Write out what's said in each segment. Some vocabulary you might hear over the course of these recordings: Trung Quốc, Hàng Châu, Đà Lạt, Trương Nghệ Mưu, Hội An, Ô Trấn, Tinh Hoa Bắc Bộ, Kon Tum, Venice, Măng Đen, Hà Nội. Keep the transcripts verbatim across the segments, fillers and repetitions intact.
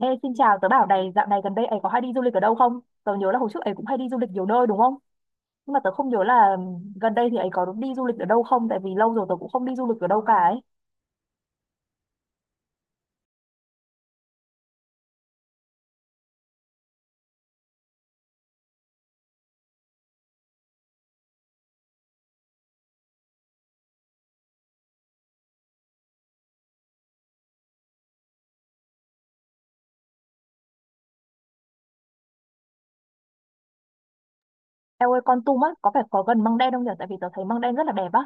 Ê, xin chào, tớ bảo này, dạo này gần đây ấy có hay đi du lịch ở đâu không? Tớ nhớ là hồi trước ấy cũng hay đi du lịch nhiều nơi đúng không? Nhưng mà tớ không nhớ là gần đây thì ấy có đi du lịch ở đâu không, tại vì lâu rồi tớ cũng không đi du lịch ở đâu cả ấy. Eo ơi, Con Tum á, có phải có gần Măng Đen không nhỉ? Tại vì tớ thấy Măng Đen rất là đẹp á.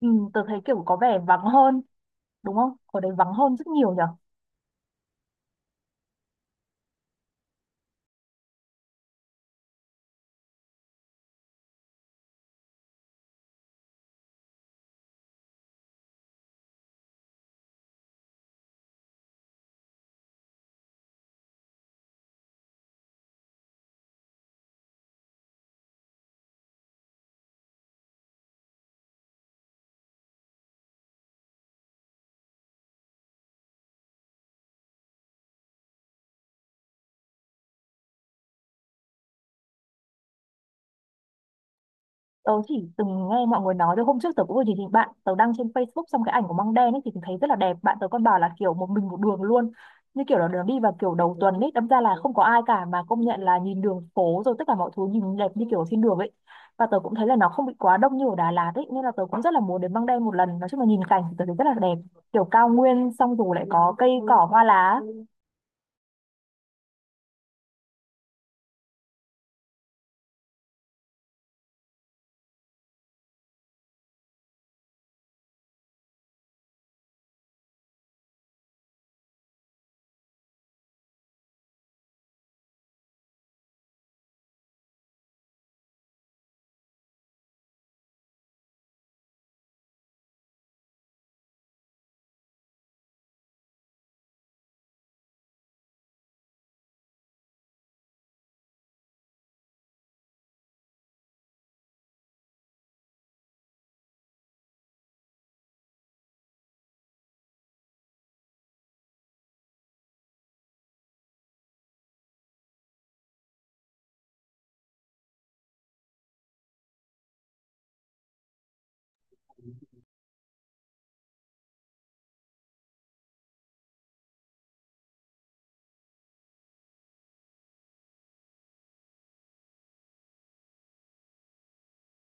Ừ, tớ thấy kiểu có vẻ vắng hơn, đúng không? Ở đây vắng hơn rất nhiều nhỉ? Tớ chỉ từng nghe mọi người nói thôi. Hôm trước tớ cũng vừa nhìn thấy bạn tớ đăng trên Facebook xong cái ảnh của măng đen ấy thì tớ thấy rất là đẹp. Bạn tớ còn bảo là kiểu một mình một đường luôn, như kiểu là đường đi vào kiểu đầu tuần ấy đâm ra là không có ai cả, mà công nhận là nhìn đường phố rồi tất cả mọi thứ nhìn đẹp như kiểu ở trên đường ấy. Và tớ cũng thấy là nó không bị quá đông như ở Đà Lạt ấy, nên là tớ cũng rất là muốn đến măng đen một lần. Nói chung là nhìn cảnh thì tớ thấy rất là đẹp, kiểu cao nguyên xong rồi lại có cây cỏ hoa lá.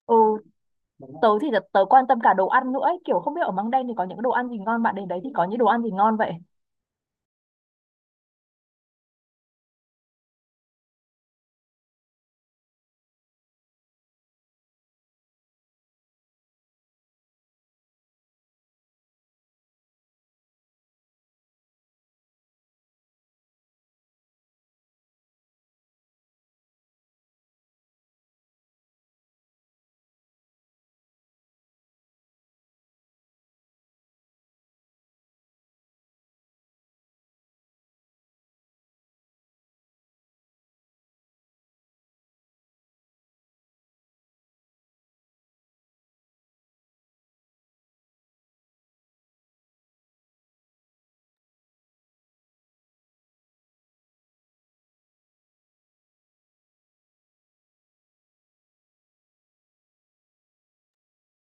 Ừ, tớ thì tớ quan tâm cả đồ ăn nữa ấy. Kiểu không biết ở măng đen thì có những đồ ăn gì ngon? Bạn đến đấy thì có những đồ ăn gì ngon vậy?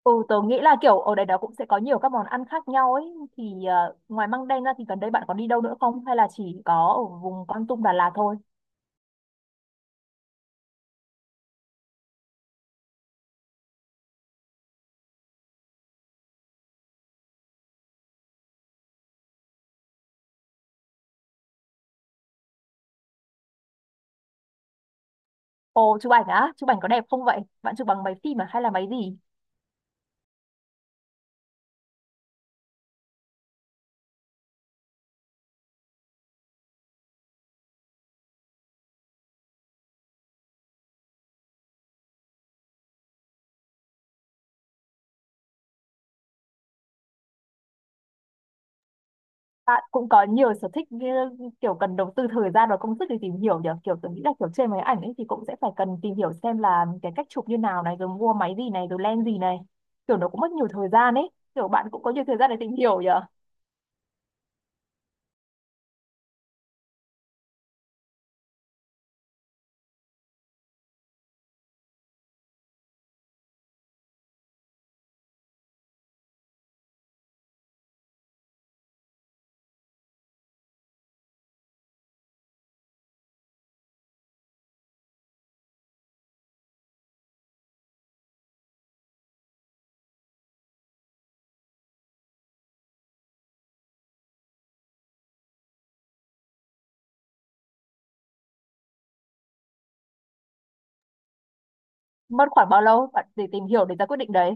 Ừ, tớ nghĩ là kiểu ở đây đó cũng sẽ có nhiều các món ăn khác nhau ấy. Thì ờ, ngoài măng đen ra thì gần đây bạn có đi đâu nữa không? Hay là chỉ có ở vùng Kon Tum Đà Lạt thôi? Ồ, chụp ảnh á? Chụp ảnh có đẹp không vậy? Bạn chụp bằng máy phim à? Hay là máy gì? Bạn cũng có nhiều sở thích như kiểu cần đầu tư thời gian và công sức để tìm hiểu nhỉ? Kiểu tớ nghĩ là kiểu trên máy ảnh ấy thì cũng sẽ phải cần tìm hiểu xem là cái cách chụp như nào này, rồi mua máy gì này, rồi lens gì này. Kiểu nó cũng mất nhiều thời gian ấy. Kiểu bạn cũng có nhiều thời gian để tìm hiểu nhỉ? Mất khoảng bao lâu bạn để tìm hiểu để ra quyết định đấy?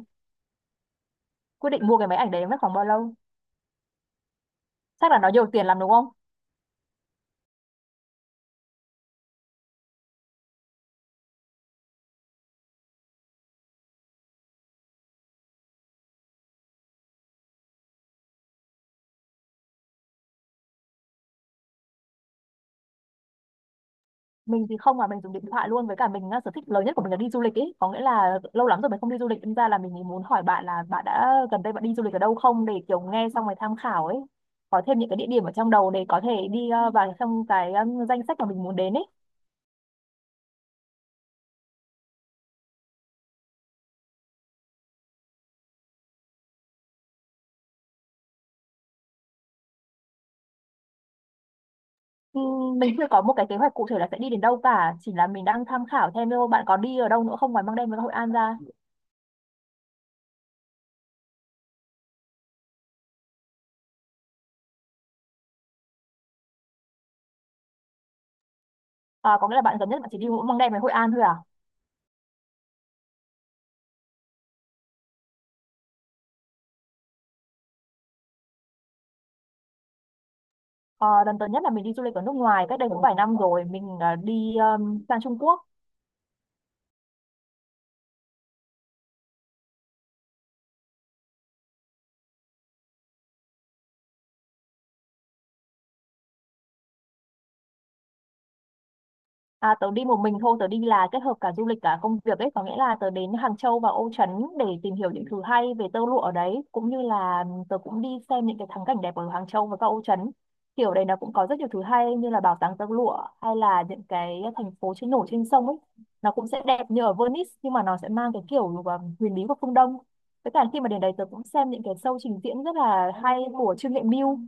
Quyết định mua cái máy ảnh đấy mất khoảng bao lâu? Chắc là nó nhiều tiền lắm đúng không? Mình thì không, mà mình dùng điện thoại luôn. Với cả mình á, sở thích lớn nhất của mình là đi du lịch ấy, có nghĩa là lâu lắm rồi mình không đi du lịch nên ra là mình muốn hỏi bạn là bạn đã gần đây bạn đi du lịch ở đâu không, để kiểu nghe xong rồi tham khảo ấy, có thêm những cái địa điểm ở trong đầu để có thể đi ờ, vào trong cái ừm, danh sách mà mình muốn đến ấy. Ừm, mình chưa có một cái kế hoạch cụ thể là sẽ đi đến đâu cả, chỉ là mình đang tham khảo thêm thôi. Bạn có đi ở đâu nữa không ngoài Măng Đen với Hội An ra? À, có nghĩa là bạn gần nhất bạn chỉ đi mỗi Măng Đen với Hội An thôi à? Ờ, lần gần nhất là mình đi du lịch ở nước ngoài cách đây cũng vài năm rồi. Mình ờ, đi um, sang Trung Quốc. À, tớ đi một mình thôi. Tớ đi là kết hợp cả du lịch cả công việc ấy, có nghĩa là tớ đến Hàng Châu và Ô Trấn để tìm hiểu những thứ hay về tơ lụa ở đấy, cũng như là tớ cũng đi xem những cái thắng cảnh đẹp ở Hàng Châu và các Ô Trấn. Thì ở đây nó cũng có rất nhiều thứ hay, như là bảo tàng tơ lụa, hay là những cái thành phố trên nổi trên sông ấy. Nó cũng sẽ đẹp như ở Venice, nhưng mà nó sẽ mang cái kiểu ờ, huyền bí của phương Đông. Với cả khi mà đến đây tớ cũng xem những cái show trình diễn rất là hay của Trương Nghệ Mưu.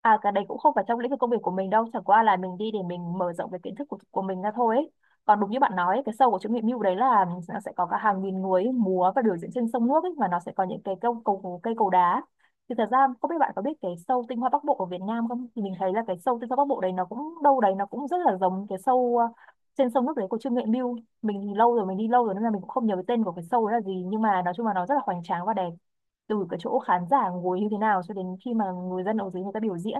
À cái đấy cũng không phải trong lĩnh vực công việc của mình đâu, chẳng qua là mình đi để mình mở rộng cái kiến thức của, của mình ra thôi ấy. Còn đúng như bạn nói ấy, cái show của Trương Mỹ Mưu đấy là nó sẽ có cả hàng nghìn người ấy, múa và biểu diễn trên sông nước ấy, mà nó sẽ có những cái câu cầu cây cầu đá. Thì thật ra không biết bạn có biết cái show Tinh Hoa Bắc Bộ ở Việt Nam không? Thì mình thấy là cái show Tinh Hoa Bắc Bộ đấy nó cũng đâu đấy nó cũng rất là giống cái show uh, trên sông nước đấy của Trương Nghệ Mưu. Mình thì lâu rồi mình đi lâu rồi nên là mình cũng không nhớ cái tên của cái show đấy là gì, nhưng mà nói chung là nó rất là hoành tráng và đẹp, từ cái chỗ khán giả ngồi như thế nào cho đến khi mà người dân ở dưới người ta biểu diễn.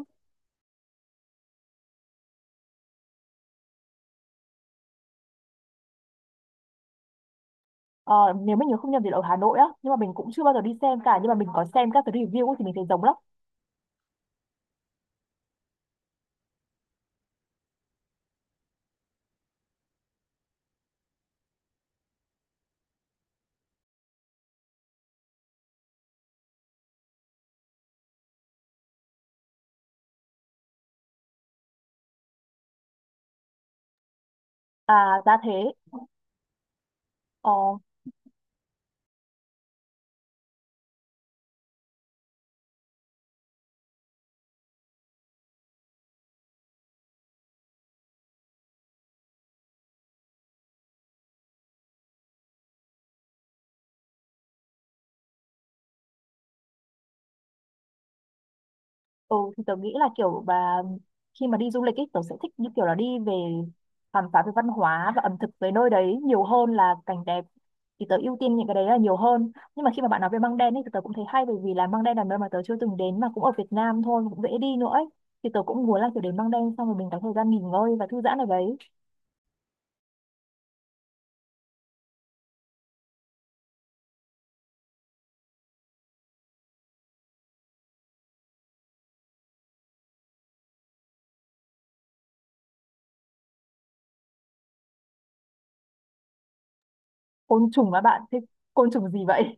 Ờ, nếu mình nhớ không nhầm thì là ở Hà Nội á, nhưng mà mình cũng chưa bao giờ đi xem cả, nhưng mà mình có xem các cái review ấy thì mình thấy giống lắm. À ra thế. ờ, ừ, thì tớ nghĩ là kiểu bà khi mà đi du lịch ấy tớ sẽ thích như kiểu là đi về khám phá về văn hóa và ẩm thực về nơi đấy nhiều hơn là cảnh đẹp, thì tớ ưu tiên những cái đấy là nhiều hơn. Nhưng mà khi mà bạn nói về Măng Đen ấy thì tớ cũng thấy hay, bởi vì là Măng Đen là nơi mà tớ chưa từng đến mà cũng ở Việt Nam thôi, cũng dễ đi nữa ấy. Thì tớ cũng muốn là kiểu đến Măng Đen xong rồi mình có thời gian nghỉ ngơi và thư giãn ở đấy. Côn trùng á bạn? Thế côn trùng gì vậy?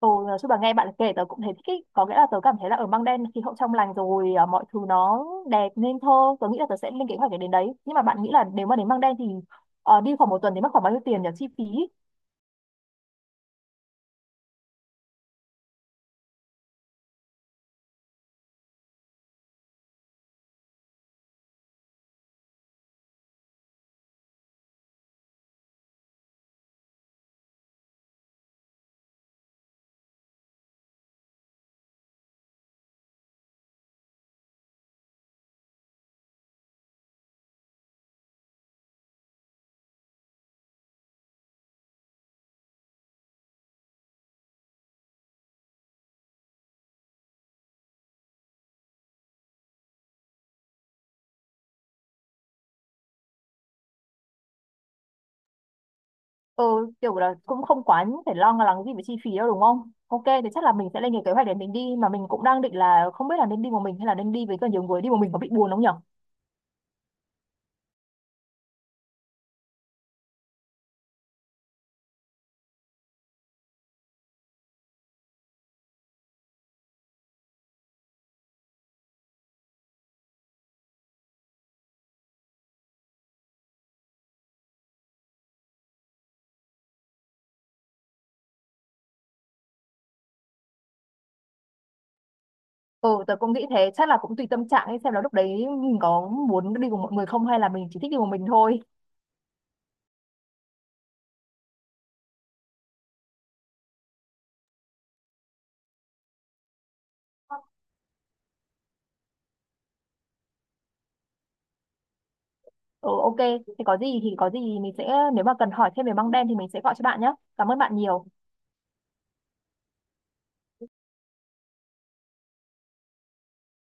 Ừ, nói chung là nghe bạn kể tớ cũng thấy thích ý. Có nghĩa là tớ cảm thấy là ở Măng Đen khí hậu trong lành rồi, à, mọi thứ nó đẹp nên thơ. Tớ nghĩ là tớ sẽ lên kế hoạch để đến đấy. Nhưng mà bạn nghĩ là nếu mà đến Măng Đen thì ờ, đi khoảng một tuần thì mất khoảng bao nhiêu tiền nhỉ chi phí? Ừ, kiểu là cũng không quá phải lo lắng gì về chi phí đâu đúng không? Ok, thì chắc là mình sẽ lên cái kế hoạch để mình đi. Mà mình cũng đang định là không biết là nên đi một mình hay là nên đi với cả nhiều người. Đi một mình có bị buồn không nhỉ? Ừ, tớ cũng nghĩ thế, chắc là cũng tùy tâm trạng ấy, xem là lúc đấy mình có muốn đi cùng mọi người không hay là mình chỉ thích đi một mình thôi. Ừ, ok, thì có gì thì có gì mình sẽ nếu mà cần hỏi thêm về măng đen thì mình sẽ gọi cho bạn nhé. Cảm ơn bạn nhiều.